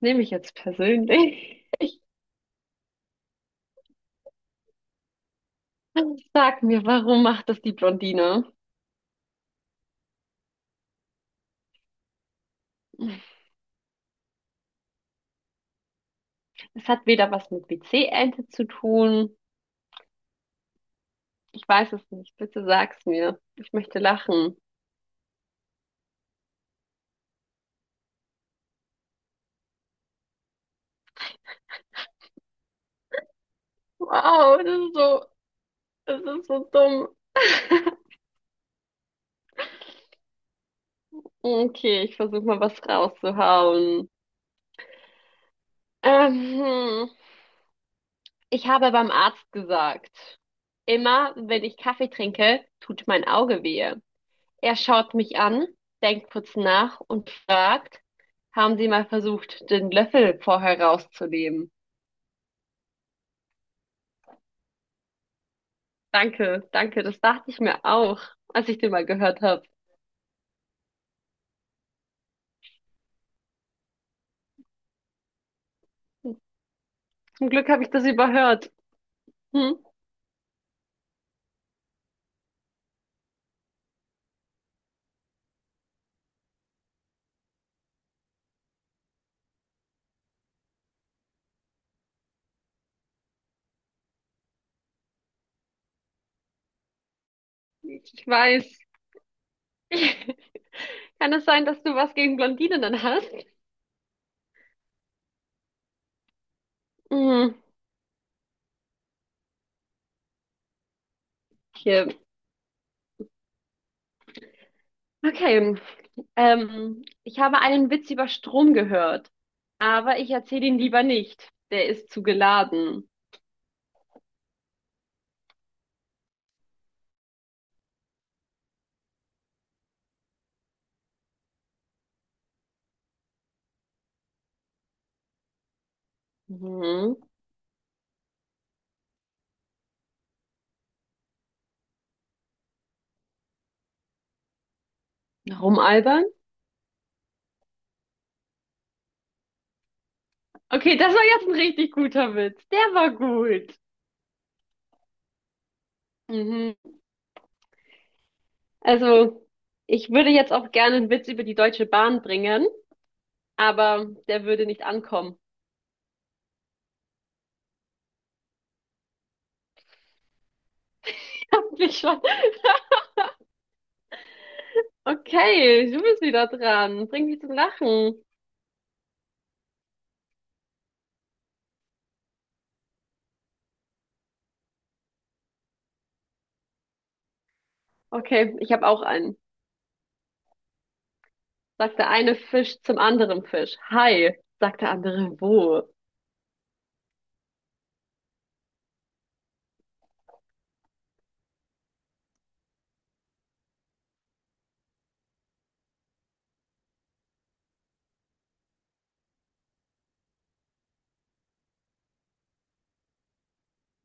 Nehme ich jetzt persönlich. Sag mir, warum macht das die Blondine? Es hat weder was mit WC-Ente zu tun. Ich weiß es nicht. Bitte sag's mir. Ich möchte lachen. Wow, das ist so dumm. Okay, ich versuche mal was rauszuhauen. Ähm, hm. Ich habe beim Arzt gesagt, immer wenn ich Kaffee trinke, tut mein Auge weh. Er schaut mich an, denkt kurz nach und fragt, haben Sie mal versucht, den Löffel vorher rauszunehmen? Danke, danke, das dachte ich mir auch, als ich den mal gehört habe. Zum Glück habe ich das überhört. Hm? Ich weiß. Kann es sein, dass du was gegen Blondinen hast? Hm, hier. Okay. Ich habe einen Witz über Strom gehört, aber ich erzähle ihn lieber nicht. Der ist zu geladen. Mhm. Warum, Alba? Okay, das war jetzt ein richtig guter Witz. Der war gut. Mhm. Also, ich würde jetzt auch gerne einen Witz über die Deutsche Bahn bringen, aber der würde nicht ankommen. Ich hab mich schon. Okay, du bist wieder dran. Bring mich zum Lachen. Okay, ich habe auch einen. Sagt der eine Fisch zum anderen Fisch. Hi, sagt der andere wo?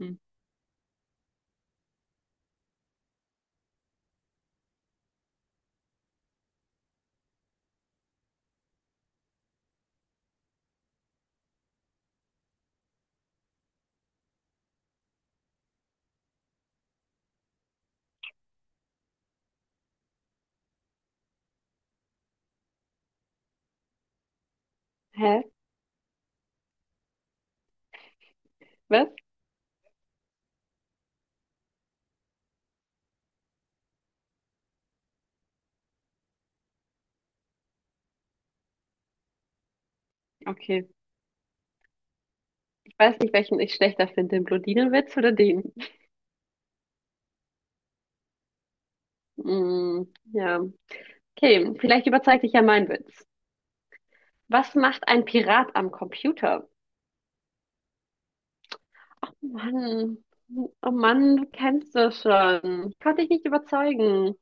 Hm. Hä? Was? Okay. Ich weiß nicht, welchen ich schlechter finde, den Blondinenwitz oder den. Hm, ja. Okay, vielleicht überzeigt dich ja mein Witz. Was macht ein Pirat am Computer? Ach Mann, oh Mann, du kennst das schon. Ich konnte dich nicht überzeugen.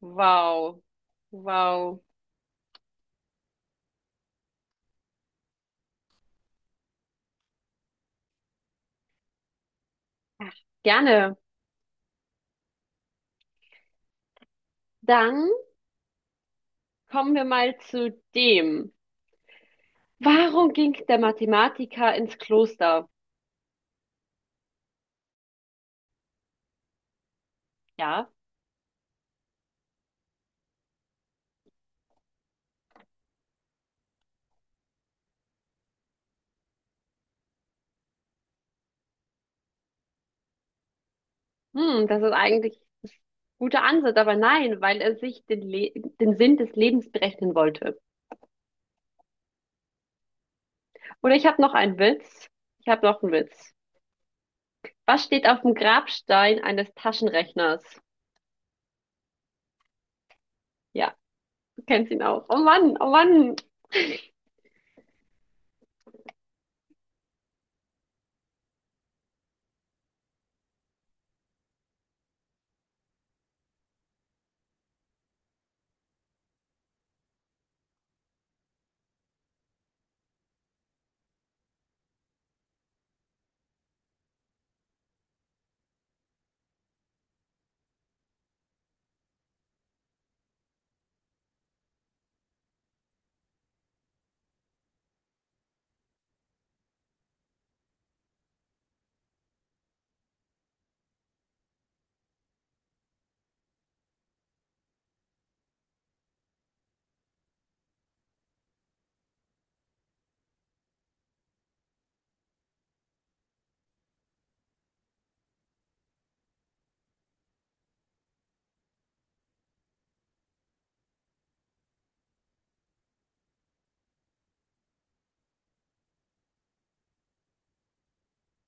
Wow, wow. Ach, gerne. Dann kommen wir mal zu dem. Warum ging der Mathematiker ins Kloster? Ja, hm, das ist eigentlich ein guter Ansatz, aber nein, weil er sich den, Le den Sinn des Lebens berechnen wollte. Oder ich habe noch einen Witz. Ich habe noch einen Witz. Was steht auf dem Grabstein eines Taschenrechners? Ja, du kennst ihn auch. Oh Mann, oh Mann.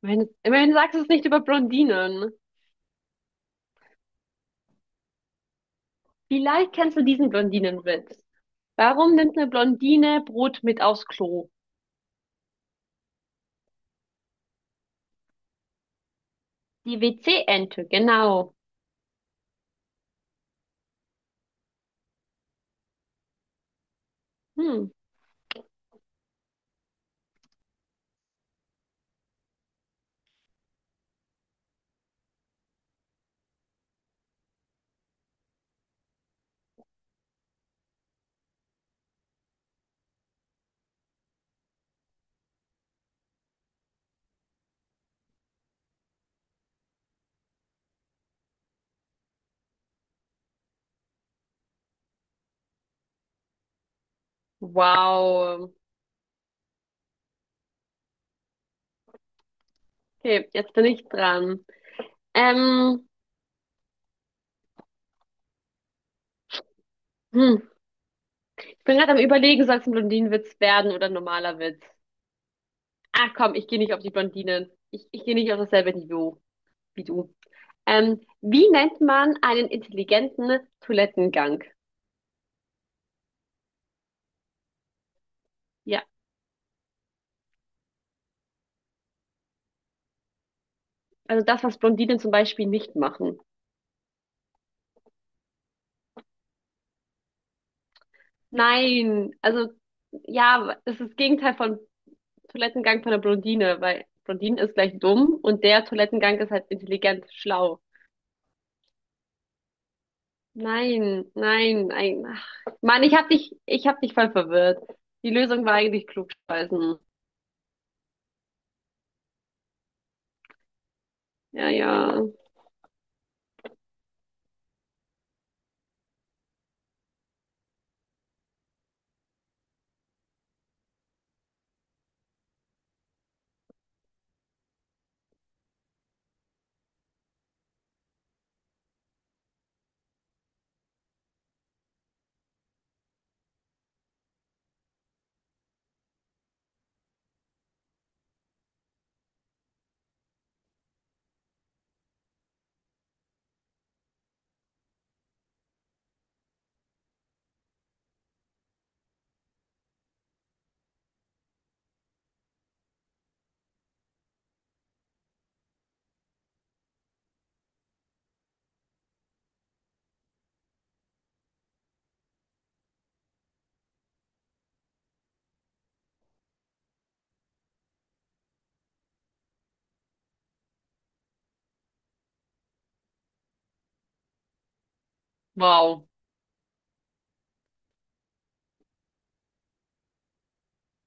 Immerhin, immerhin sagst du es nicht über Blondinen. Vielleicht kennst du diesen Blondinenwitz. Warum nimmt eine Blondine Brot mit aufs Klo? Die WC-Ente, genau. Hm. Wow. Okay, jetzt bin ich dran. Ähm, hm. Ich bin gerade am Überlegen, soll es ein Blondinenwitz werden oder ein normaler Witz? Ah, komm, ich gehe nicht auf die Blondinen. Ich gehe nicht auf dasselbe Niveau wie du. Wie nennt man einen intelligenten Toilettengang? Ja, also das, was Blondinen zum Beispiel nicht machen. Nein, also ja, das ist das Gegenteil von Toilettengang von der Blondine, weil Blondine ist gleich dumm und der Toilettengang ist halt intelligent, schlau. Nein, nein, nein. Ach, Mann, ich hab dich voll verwirrt. Die Lösung war eigentlich klugscheißen. Ja, ja. Wow.